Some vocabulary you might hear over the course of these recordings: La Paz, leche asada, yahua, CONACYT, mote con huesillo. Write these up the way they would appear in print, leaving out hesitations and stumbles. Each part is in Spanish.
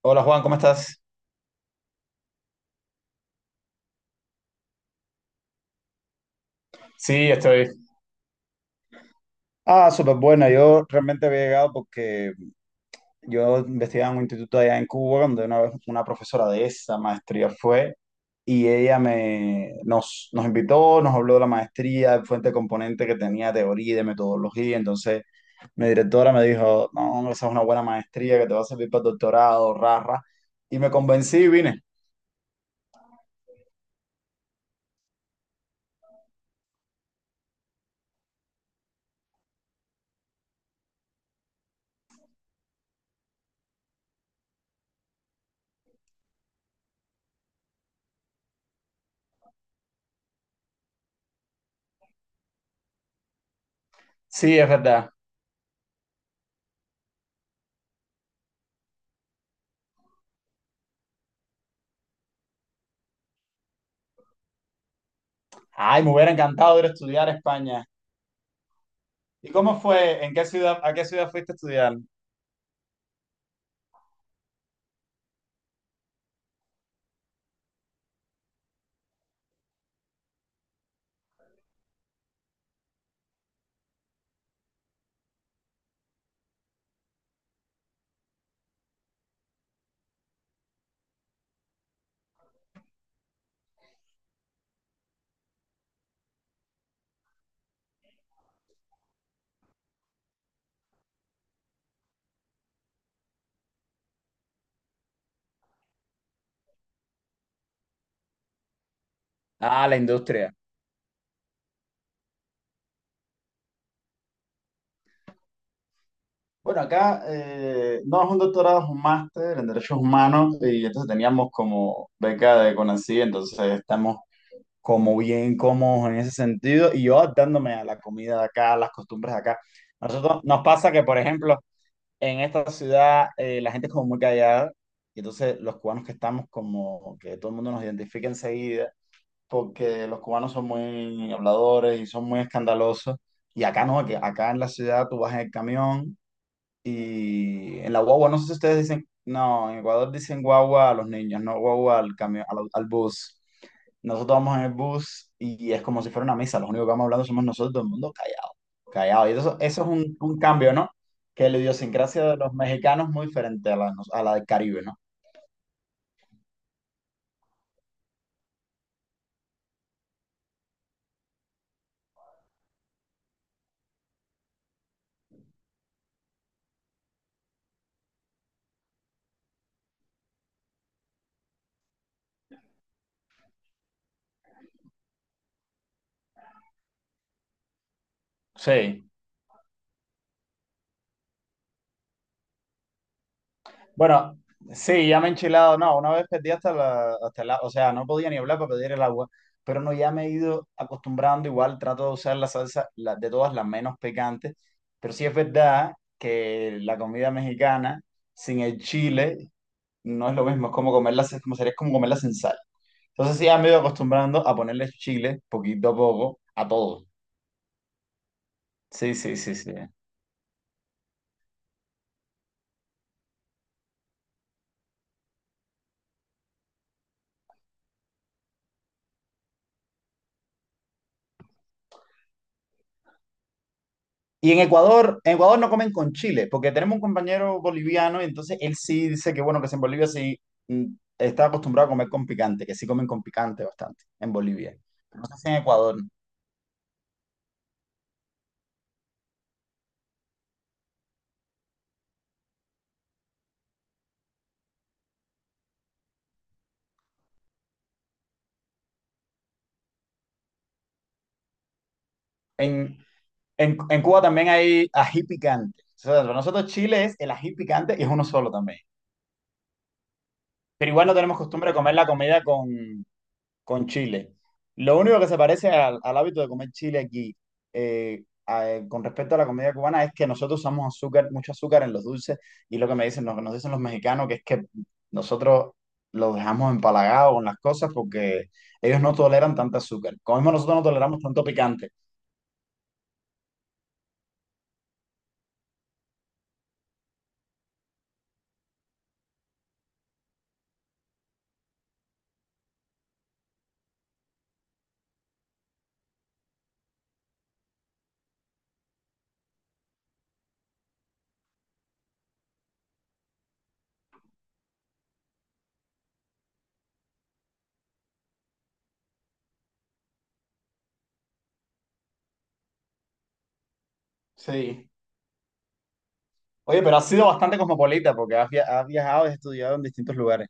Hola Juan, ¿cómo estás? Sí, estoy. Ah, súper buena. Yo realmente había llegado porque yo investigaba en un instituto allá en Cuba, donde una vez una profesora de esa maestría fue y ella nos invitó, nos habló de la maestría, de fuente de componente que tenía teoría y de metodología. Entonces mi directora me dijo, no, esa es una buena maestría que te va a servir para el doctorado, rara. Y me convencí y vine. Sí, es verdad. Ay, me hubiera encantado ir a estudiar a España. ¿Y cómo fue? ¿En qué ciudad, a qué ciudad fuiste a estudiar? Ah, la industria. Bueno, acá no es un doctorado, es un máster en derechos humanos y entonces teníamos como beca de CONACYT, entonces estamos como bien cómodos en ese sentido y yo adaptándome a la comida de acá, a las costumbres de acá. A nosotros nos pasa que, por ejemplo, en esta ciudad la gente es como muy callada y entonces los cubanos que estamos como que todo el mundo nos identifica enseguida porque los cubanos son muy habladores y son muy escandalosos. Y acá no, que acá en la ciudad tú vas en el camión y en la guagua, no sé si ustedes dicen, no, en Ecuador dicen guagua a los niños, no guagua al camión, al bus. Nosotros vamos en el bus y es como si fuera una misa, los únicos que vamos hablando somos nosotros, todo el mundo callado, callado. Y eso es un cambio, ¿no? Que la idiosincrasia de los mexicanos es muy diferente a la del Caribe, ¿no? Sí. Bueno, sí, ya me he enchilado. No, una vez perdí hasta o sea, no podía ni hablar para pedir el agua, pero no, ya me he ido acostumbrando. Igual trato de usar de todas las menos picantes, pero sí es verdad que la comida mexicana sin el chile no es lo mismo, es como comerla, es como sería como comerla sin sal. Entonces sí, ya me he ido acostumbrando a ponerle chile poquito a poco a todo. Sí, sí, sí, sí. Y en Ecuador no comen con chile, porque tenemos un compañero boliviano y entonces él sí dice que bueno, que si en Bolivia sí mm, está acostumbrado a comer con picante, que sí comen con picante bastante en Bolivia. No sé si en Ecuador. En, en Cuba también hay ají picante. O sea, para nosotros Chile es el ají picante y es uno solo también. Pero igual no tenemos costumbre de comer la comida con chile. Lo único que se parece al hábito de comer chile aquí, con respecto a la comida cubana, es que nosotros usamos azúcar, mucho azúcar en los dulces, y lo que me dicen, lo que nos dicen los mexicanos, que es que nosotros los dejamos empalagados con las cosas porque ellos no toleran tanta azúcar. Como mismo nosotros no toleramos tanto picante. Sí. Oye, pero has sido bastante cosmopolita porque has viajado y has estudiado en distintos lugares.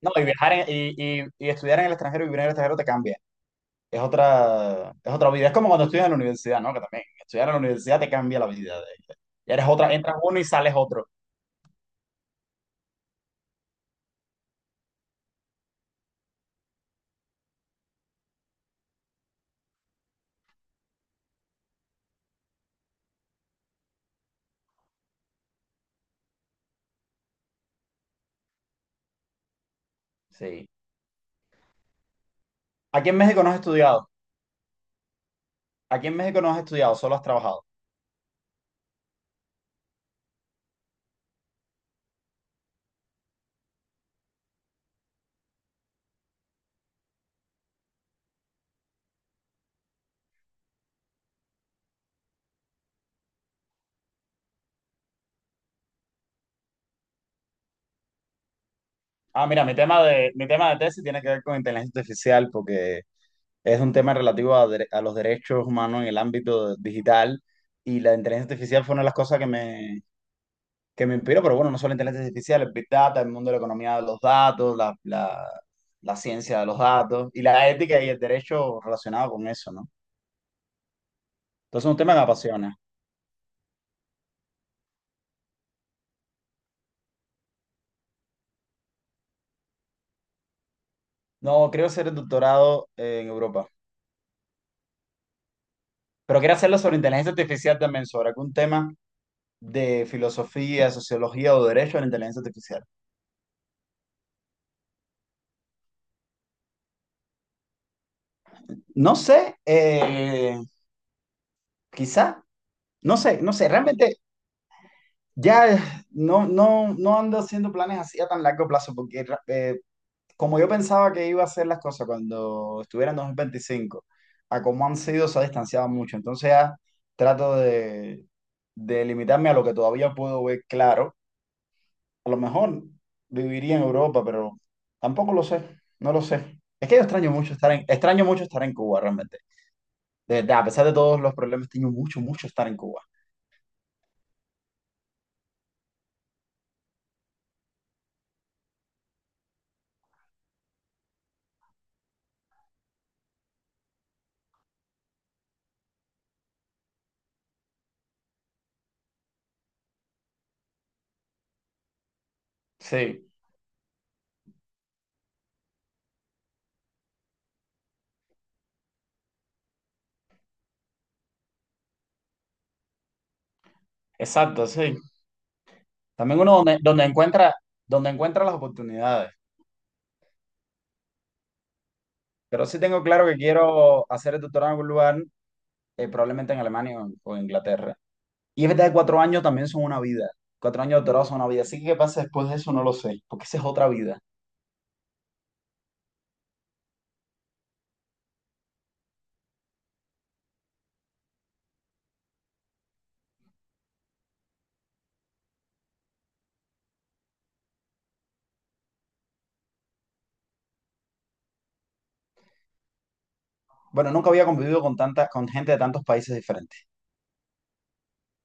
No, y viajar y estudiar en el extranjero y vivir en el extranjero te cambia. Es otra vida. Es como cuando estudias en la universidad, ¿no? Que también estudiar en la universidad te cambia la vida. Ya eres otra, entras uno y sales otro. Sí. Aquí en México no has estudiado. Aquí en México no has estudiado, solo has trabajado. Ah, mira, mi tema de tesis tiene que ver con inteligencia artificial porque es un tema relativo a los derechos humanos en el ámbito digital y la inteligencia artificial fue una de las cosas que me inspiro, pero bueno, no solo inteligencia artificial, el Big Data, el mundo de la economía de los datos, la ciencia de los datos y la ética y el derecho relacionado con eso, ¿no? Entonces es un tema que me apasiona. No, creo hacer el doctorado en Europa, pero quiero hacerlo sobre inteligencia artificial también, sobre algún tema de filosofía, sociología o derecho a la inteligencia artificial. No sé, quizá, no sé, no sé, realmente ya no ando haciendo planes así a tan largo plazo porque como yo pensaba que iba a ser las cosas cuando estuviera en 2025, a cómo han sido, se ha distanciado mucho. Entonces ya trato de limitarme a lo que todavía puedo ver claro. A lo mejor viviría en Europa, pero tampoco lo sé, no lo sé. Es que yo extraño mucho estar extraño mucho estar en Cuba realmente. De verdad, a pesar de todos los problemas, extraño mucho, mucho estar en Cuba. Sí, exacto, sí. También uno donde encuentra las oportunidades. Pero sí tengo claro que quiero hacer el doctorado en algún lugar probablemente en Alemania o Inglaterra. Y es verdad que 4 años también son una vida. 4 años de doctorado son una vida. Así que qué pasa después de eso no lo sé, porque esa es otra vida. Bueno, nunca había convivido con tanta, con gente de tantos países diferentes.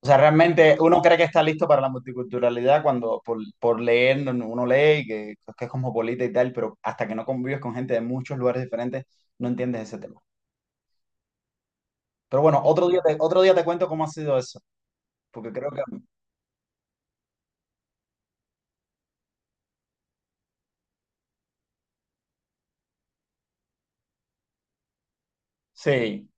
O sea, realmente uno cree que está listo para la multiculturalidad cuando por leer uno lee y que es cosmopolita y tal, pero hasta que no convives con gente de muchos lugares diferentes, no entiendes ese tema. Pero bueno, otro día te cuento cómo ha sido eso, porque creo que sí,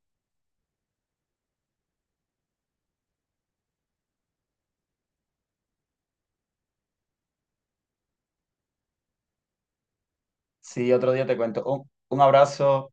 sí, otro día te cuento. Un abrazo.